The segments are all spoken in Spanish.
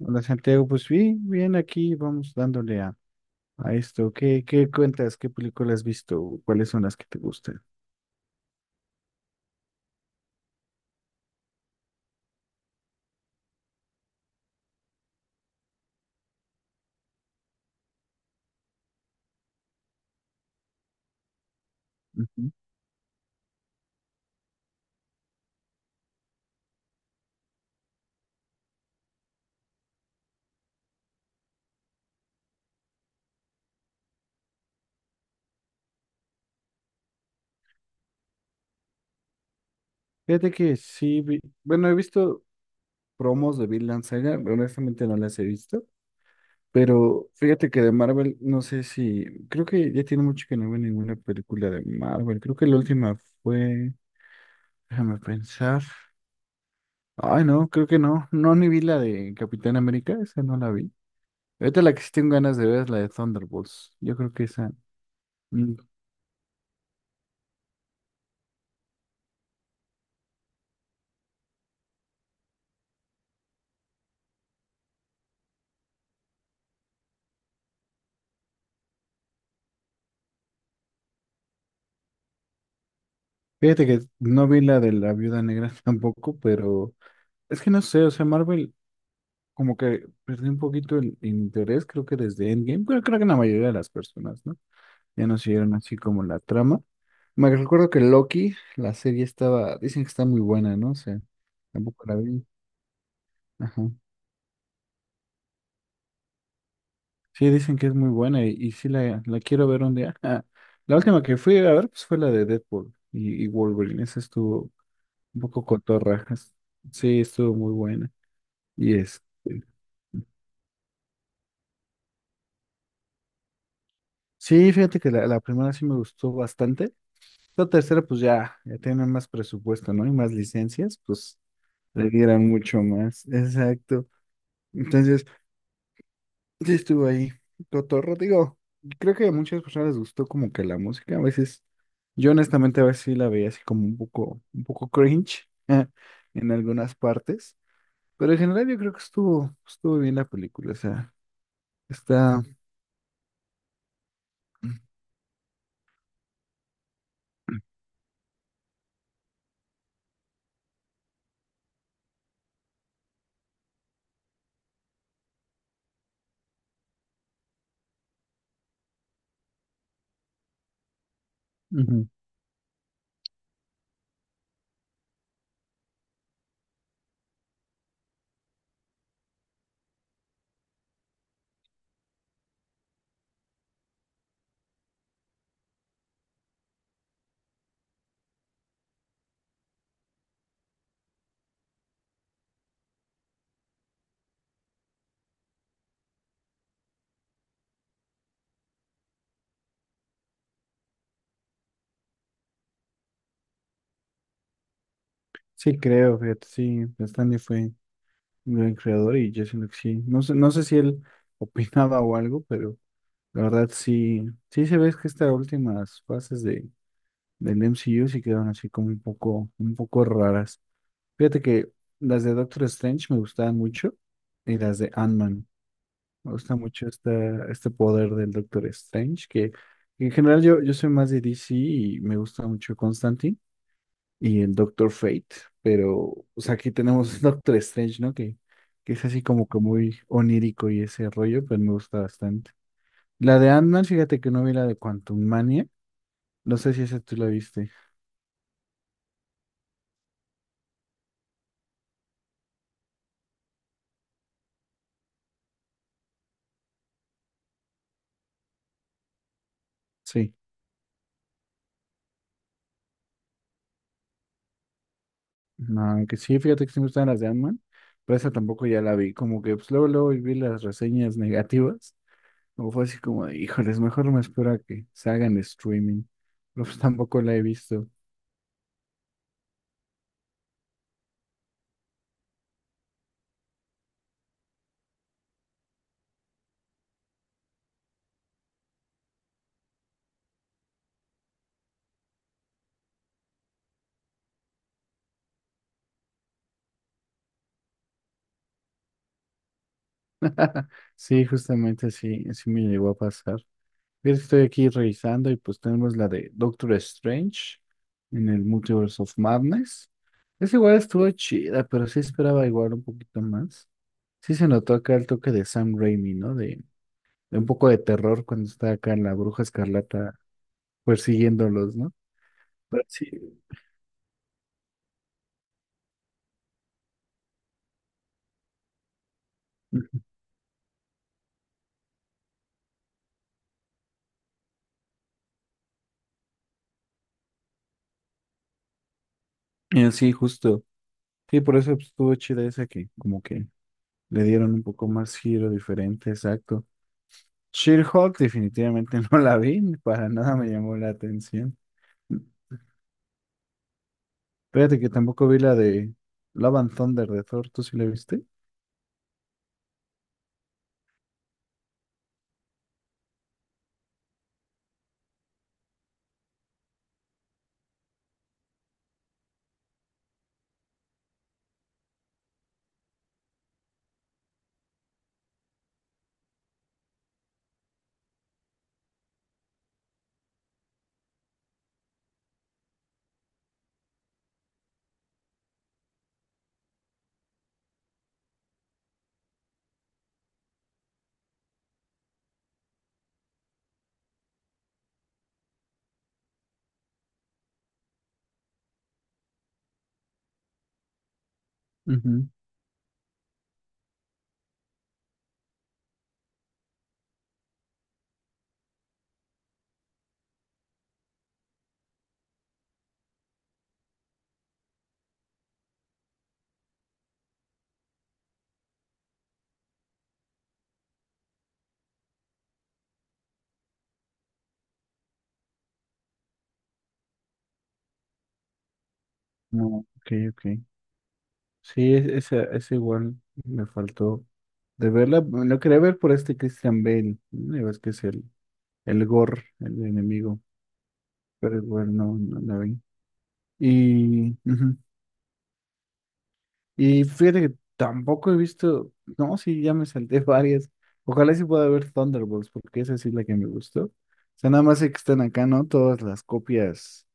Hola Santiago, pues bien, bien, aquí vamos dándole a esto. ¿Qué, qué cuentas? ¿Qué películas has visto? ¿Cuáles son las que te gustan? Ujú. Fíjate que sí, bueno, he visto promos de Vinland Saga, honestamente no las he visto, pero fíjate que de Marvel, no sé si, creo que ya tiene mucho que no veo ninguna película de Marvel, creo que la última fue, déjame pensar, ay no, creo que no, no ni vi la de Capitán América, esa no la vi. Ahorita la que sí tengo ganas de ver es la de Thunderbolts, yo creo que esa. Mm. Fíjate que no vi la de la Viuda Negra tampoco, pero es que no sé, o sea, Marvel como que perdió un poquito el interés, creo que desde Endgame, pero creo que la mayoría de las personas, ¿no? Ya no siguieron así como la trama. Me recuerdo que Loki, la serie estaba, dicen que está muy buena, ¿no? O sea, tampoco la vi. Ajá. Sí, dicen que es muy buena y sí la quiero ver un día. Ah, la última que fui a ver pues fue la de Deadpool y Wolverine, esa estuvo un poco cotorrajas. Sí, estuvo muy buena. Y este, sí, fíjate que la primera sí me gustó bastante. La tercera, pues ya, ya tienen más presupuesto, ¿no? Y más licencias, pues le dieran mucho más. Exacto. Entonces, sí estuvo ahí. Cotorro, digo, creo que a muchas personas les gustó como que la música. A veces, yo honestamente a veces sí la veía así como un poco cringe en algunas partes. Pero en general yo creo que estuvo, estuvo bien la película. O sea, está. Ujú. Sí, creo, fíjate, sí, bastante fue gran creador y yo siento que sí. No sé, no sé si él opinaba o algo, pero la verdad sí, sí se ve que estas últimas fases de, del MCU sí quedaron así como un poco raras. Fíjate que las de Doctor Strange me gustaban mucho y las de Ant-Man. Me gusta mucho esta, este poder del Doctor Strange, que en general yo, yo soy más de DC y me gusta mucho Constantine y el Doctor Fate, pero o sea, aquí tenemos Doctor Strange, ¿no? Que es así como que muy onírico y ese rollo, pero me gusta bastante. La de Ant-Man, fíjate que no vi la de Quantum Mania, no sé si esa tú la viste. Sí, no, que sí, fíjate que sí me gustan las de Ant-Man, pero esa tampoco ya la vi, como que pues, luego, luego vi las reseñas negativas, como fue así como de, híjoles, mejor me espero a que se hagan streaming, pero pues tampoco la he visto. Sí, justamente así, así me llegó a pasar. Fíjate que estoy aquí revisando y pues tenemos la de Doctor Strange en el Multiverse of Madness. Es igual estuvo chida, pero sí esperaba igual un poquito más. Sí se notó acá el toque de Sam Raimi, ¿no? De un poco de terror cuando está acá la Bruja Escarlata persiguiéndolos, ¿no? Pero sí, sí, justo. Sí, por eso pues, estuvo chida esa que como que le dieron un poco más giro diferente, exacto. She-Hulk definitivamente no la vi, para nada me llamó la atención. Fíjate que tampoco vi la de Love and Thunder de Thor, ¿tú sí la viste? Ujú. No, ok, ok. Sí, esa, esa igual me faltó de verla. Lo quería ver por este Christian Bale, ¿no? Ya ves que es el Gore, el enemigo, pero igual no, no la vi. Y ujú. Y fíjate que tampoco he visto, no, sí, ya me salté varias. Ojalá sí pueda ver Thunderbolts, porque esa sí es la que me gustó. O sea, nada más sé que están acá, ¿no? Todas las copias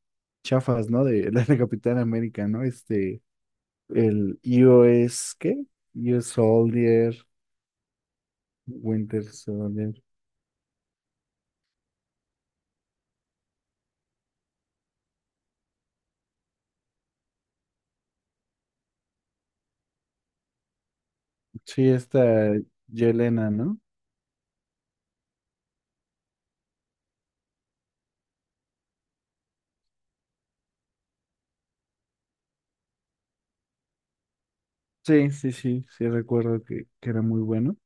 chafas, ¿no? De la de Capitán América, ¿no? Este, el iOS, ¿qué? US Soldier, Winter Soldier. Sí, esta Yelena, ¿no? Sí, sí, sí, sí recuerdo que era muy bueno.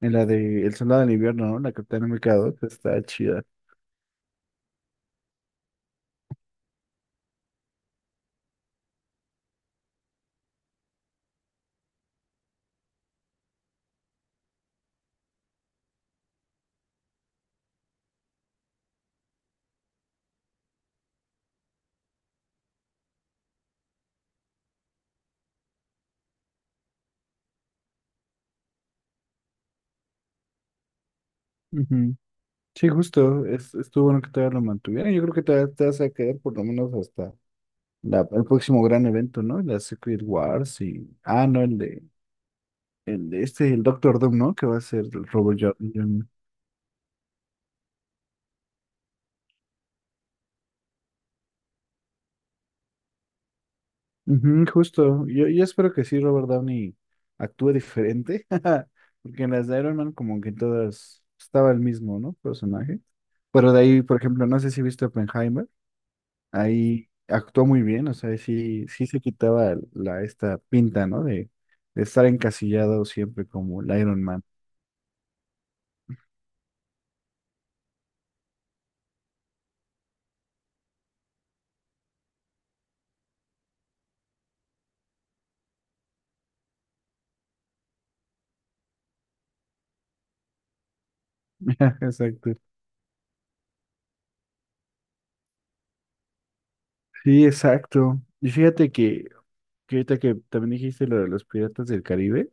En la de El Soldado del Invierno, ¿no? La Capitán América 2 está chida. Ujú. Sí, justo, es, estuvo bueno que todavía lo mantuvieron. Yo creo que todavía te vas a quedar por lo menos hasta la, el próximo gran evento, ¿no? La Secret Wars y... Ah, no, el de este, el Doctor Doom, ¿no? Que va a ser el Downey. Ujú, justo, yo espero que sí Robert Downey actúe diferente, porque en las de Iron Man como que todas estaba el mismo, ¿no? Personaje. Pero de ahí, por ejemplo, no sé si viste Oppenheimer. Ahí actuó muy bien, o sea, sí, sí se quitaba la, esta pinta, ¿no? De estar encasillado siempre como el Iron Man. Exacto. Sí, exacto. Y fíjate que ahorita que también dijiste lo de los Piratas del Caribe,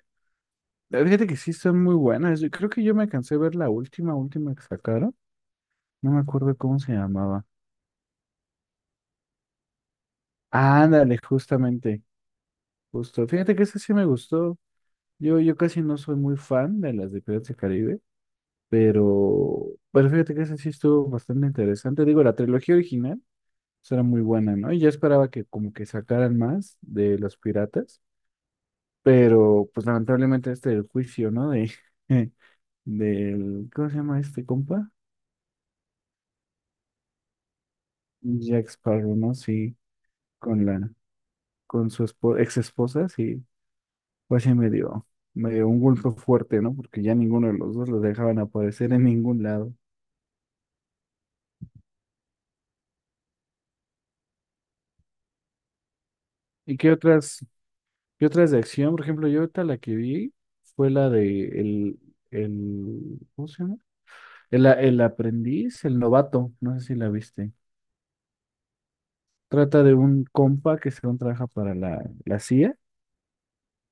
fíjate que sí son muy buenas. Yo creo que yo me cansé de ver la última, última que sacaron. No me acuerdo cómo se llamaba. Ándale, justamente, justo. Fíjate que esa sí me gustó. Yo casi no soy muy fan de las de Piratas del Caribe. Pero, pero fíjate que ese sí estuvo bastante interesante. Digo, la trilogía original pues, era muy buena, ¿no? Y yo esperaba que como que sacaran más de los piratas, pero pues lamentablemente este el juicio, ¿no? De, del, ¿cómo se llama este compa? Jack Sparrow, ¿no? Sí, con la, con su ex esposa, sí, pues sí me dio un golpe fuerte, ¿no? Porque ya ninguno de los dos los dejaban aparecer en ningún lado. ¿Y qué otras? Y otras de acción, por ejemplo, yo ahorita la que vi fue la de el, ¿cómo se llama? El, el aprendiz, el novato, no sé si la viste. Trata de un compa que según trabaja para la CIA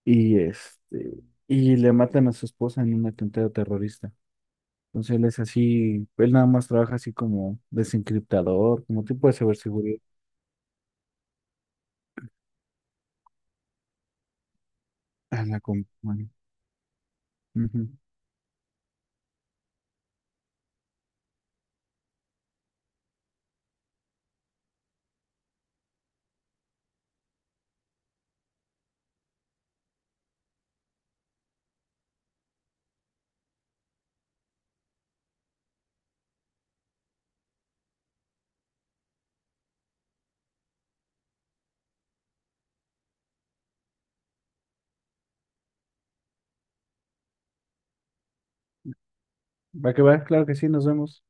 y este, y le matan a su esposa en un atentado terrorista. Entonces él es así, él nada más trabaja así como desencriptador, como tipo de ciberseguridad en la compañía. Ujú. Va que va, claro que sí, nos vemos.